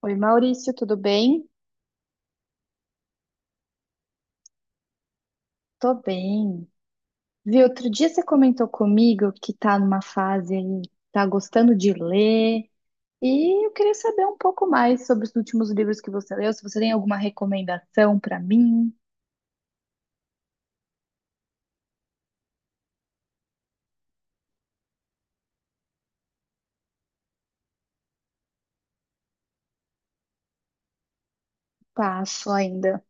Oi, Maurício, tudo bem? Tô bem. Viu, outro dia você comentou comigo que tá numa fase aí, tá gostando de ler, e eu queria saber um pouco mais sobre os últimos livros que você leu, se você tem alguma recomendação pra mim. Passo ainda.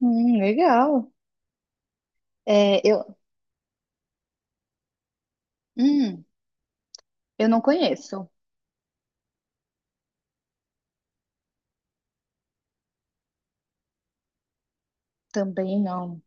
Legal. É, eu, hum, eu não conheço. Também não.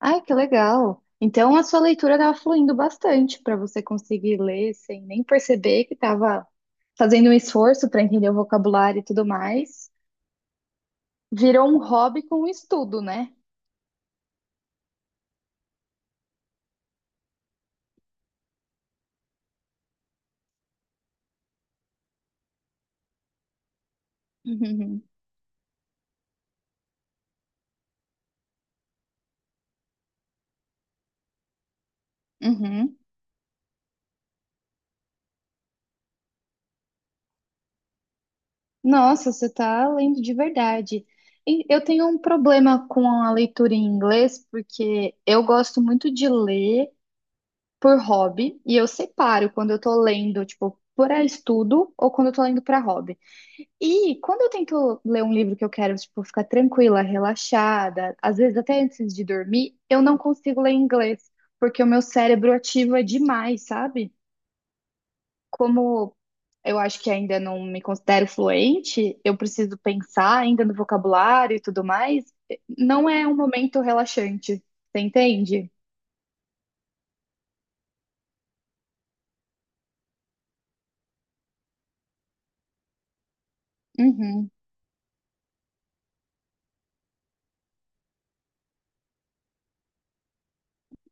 Ai, que legal. Então a sua leitura estava fluindo bastante para você conseguir ler sem nem perceber que estava fazendo um esforço para entender o vocabulário e tudo mais. Virou um hobby com o estudo, né? Uhum. Uhum. Nossa, você está lendo de verdade. Eu tenho um problema com a leitura em inglês, porque eu gosto muito de ler por hobby, e eu separo quando eu estou lendo, tipo, para estudo ou quando eu estou lendo para hobby. E quando eu tento ler um livro que eu quero, tipo, ficar tranquila, relaxada, às vezes até antes de dormir, eu não consigo ler em inglês, porque o meu cérebro ativa demais, sabe? Como eu acho que ainda não me considero fluente, eu preciso pensar ainda no vocabulário e tudo mais. Não é um momento relaxante, você entende? Uhum,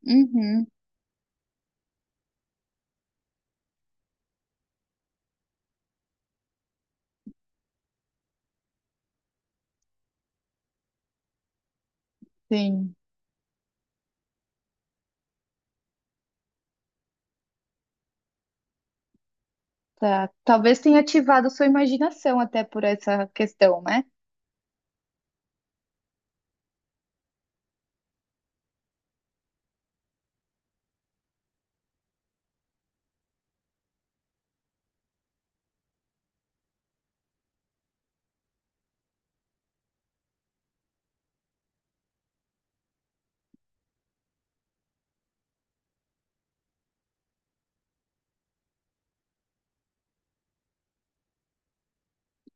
uhum, sim. Tá. Talvez tenha ativado sua imaginação até por essa questão, né?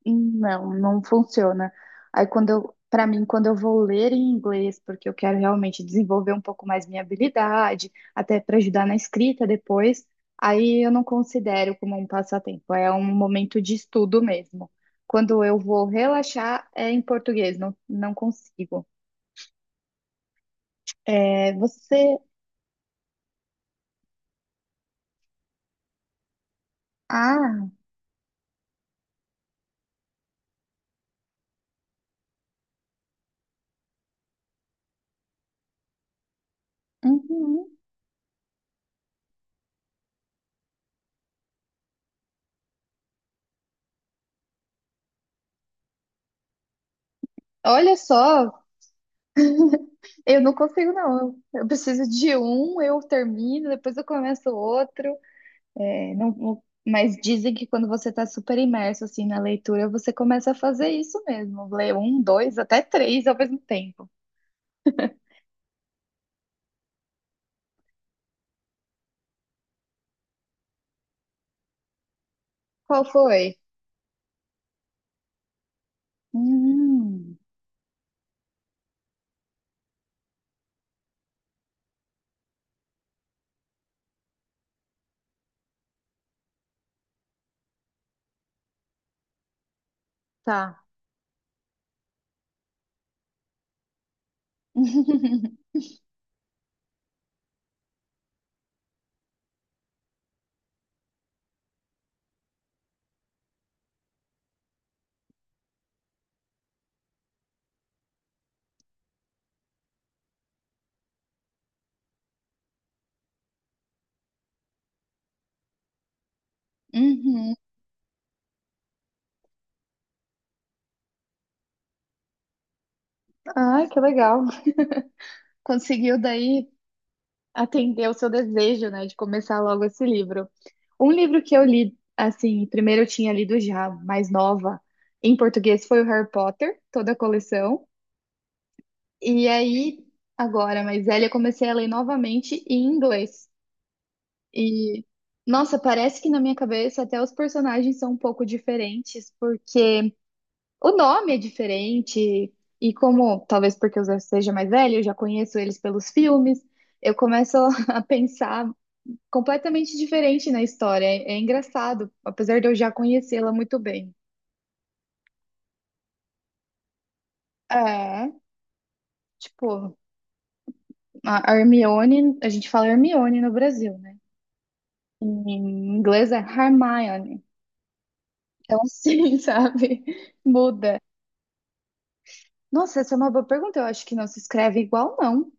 Não, não funciona. Para mim, quando eu vou ler em inglês, porque eu quero realmente desenvolver um pouco mais minha habilidade, até para ajudar na escrita depois, aí eu não considero como um passatempo, é um momento de estudo mesmo. Quando eu vou relaxar, é em português, não consigo. É, você. Ah, uhum. Olha só, eu não consigo, não. Eu preciso de um, eu termino, depois eu começo outro. É, não, não- mas dizem que quando você está super imerso assim na leitura, você começa a fazer isso mesmo, ler um, dois, até três ao mesmo tempo. Qual foi? Hum, tá. Uhum. Ai, que legal. Conseguiu daí atender o seu desejo, né, de começar logo esse livro. Um livro que eu li, assim, primeiro eu tinha lido já, mais nova, em português, foi o Harry Potter, toda a coleção. E aí, agora mais velha, eu comecei a ler novamente em inglês. E, nossa, parece que na minha cabeça até os personagens são um pouco diferentes, porque o nome é diferente, e como, talvez porque eu já seja mais velha, eu já conheço eles pelos filmes, eu começo a pensar completamente diferente na história. É, é engraçado, apesar de eu já conhecê-la muito bem. É, tipo, a Hermione, a gente fala Hermione no Brasil, né? Em inglês é Hermione. Então, assim, sabe? Muda. Nossa, essa é uma boa pergunta. Eu acho que não se escreve igual, não.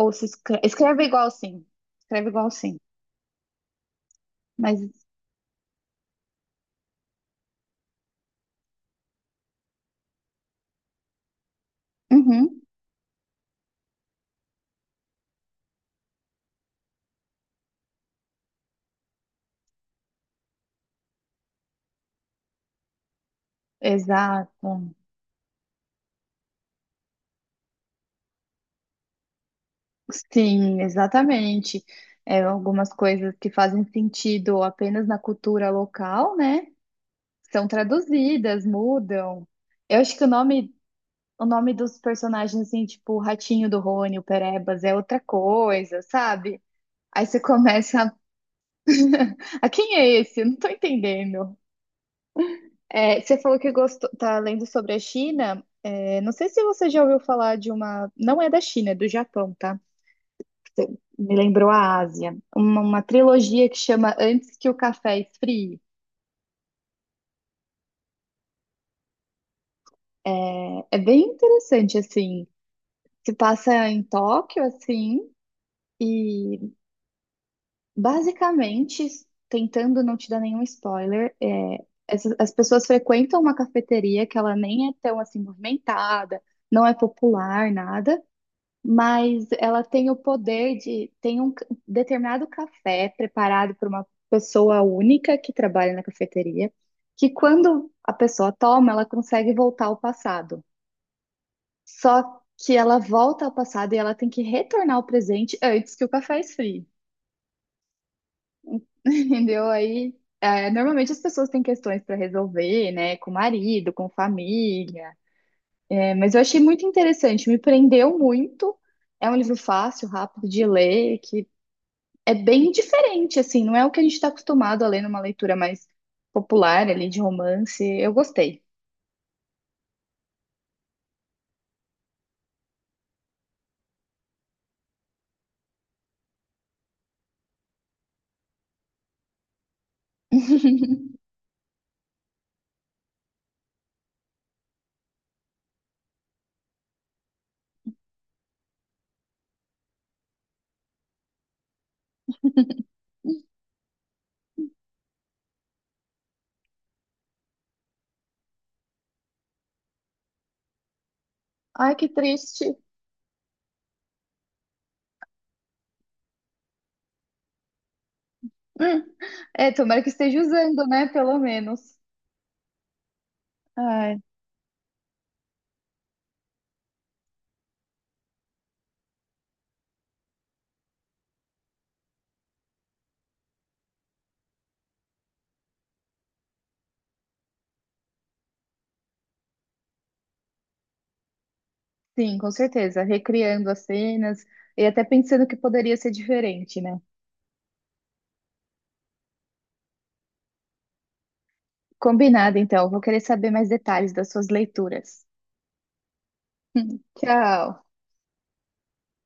Ou se escreve, escreve igual, sim. Escreve igual, sim. Mas, uhum, exato. Sim, exatamente. É, algumas coisas que fazem sentido apenas na cultura local, né? São traduzidas, mudam. Eu acho que o nome dos personagens, assim, tipo, o Ratinho do Rony, o Perebas, é outra coisa, sabe? Aí você começa. A "Ah, quem é esse? Eu não tô entendendo. É, você falou que gostou, tá lendo sobre a China. É, não sei se você já ouviu falar de uma. Não é da China, é do Japão, tá? Você me lembrou a Ásia. Uma trilogia que chama Antes que o Café Esfrie. É, é bem interessante, assim. Se passa em Tóquio, assim, e basicamente, tentando não te dar nenhum spoiler, é, essas- as pessoas frequentam uma cafeteria que ela nem é tão assim movimentada, não é popular, nada, mas ela tem o poder de, tem um c- determinado café preparado por uma pessoa única que trabalha na cafeteria, que quando a pessoa toma, ela consegue voltar ao passado. Só que ela volta ao passado e ela tem que retornar ao presente antes que o café esfrie. Entendeu? Aí, é, normalmente as pessoas têm questões para resolver, né? Com o marido, com família. É, mas eu achei muito interessante, me prendeu muito. É um livro fácil, rápido de ler, que é bem diferente, assim, não é o que a gente está acostumado a ler numa leitura mais popular ali de romance. Eu gostei. Ai, que triste. Hum. É, tomara que esteja usando, né? Pelo menos. Ai, sim, com certeza. Recriando as cenas e até pensando que poderia ser diferente, né? Combinado, então. Vou querer saber mais detalhes das suas leituras. Tchau.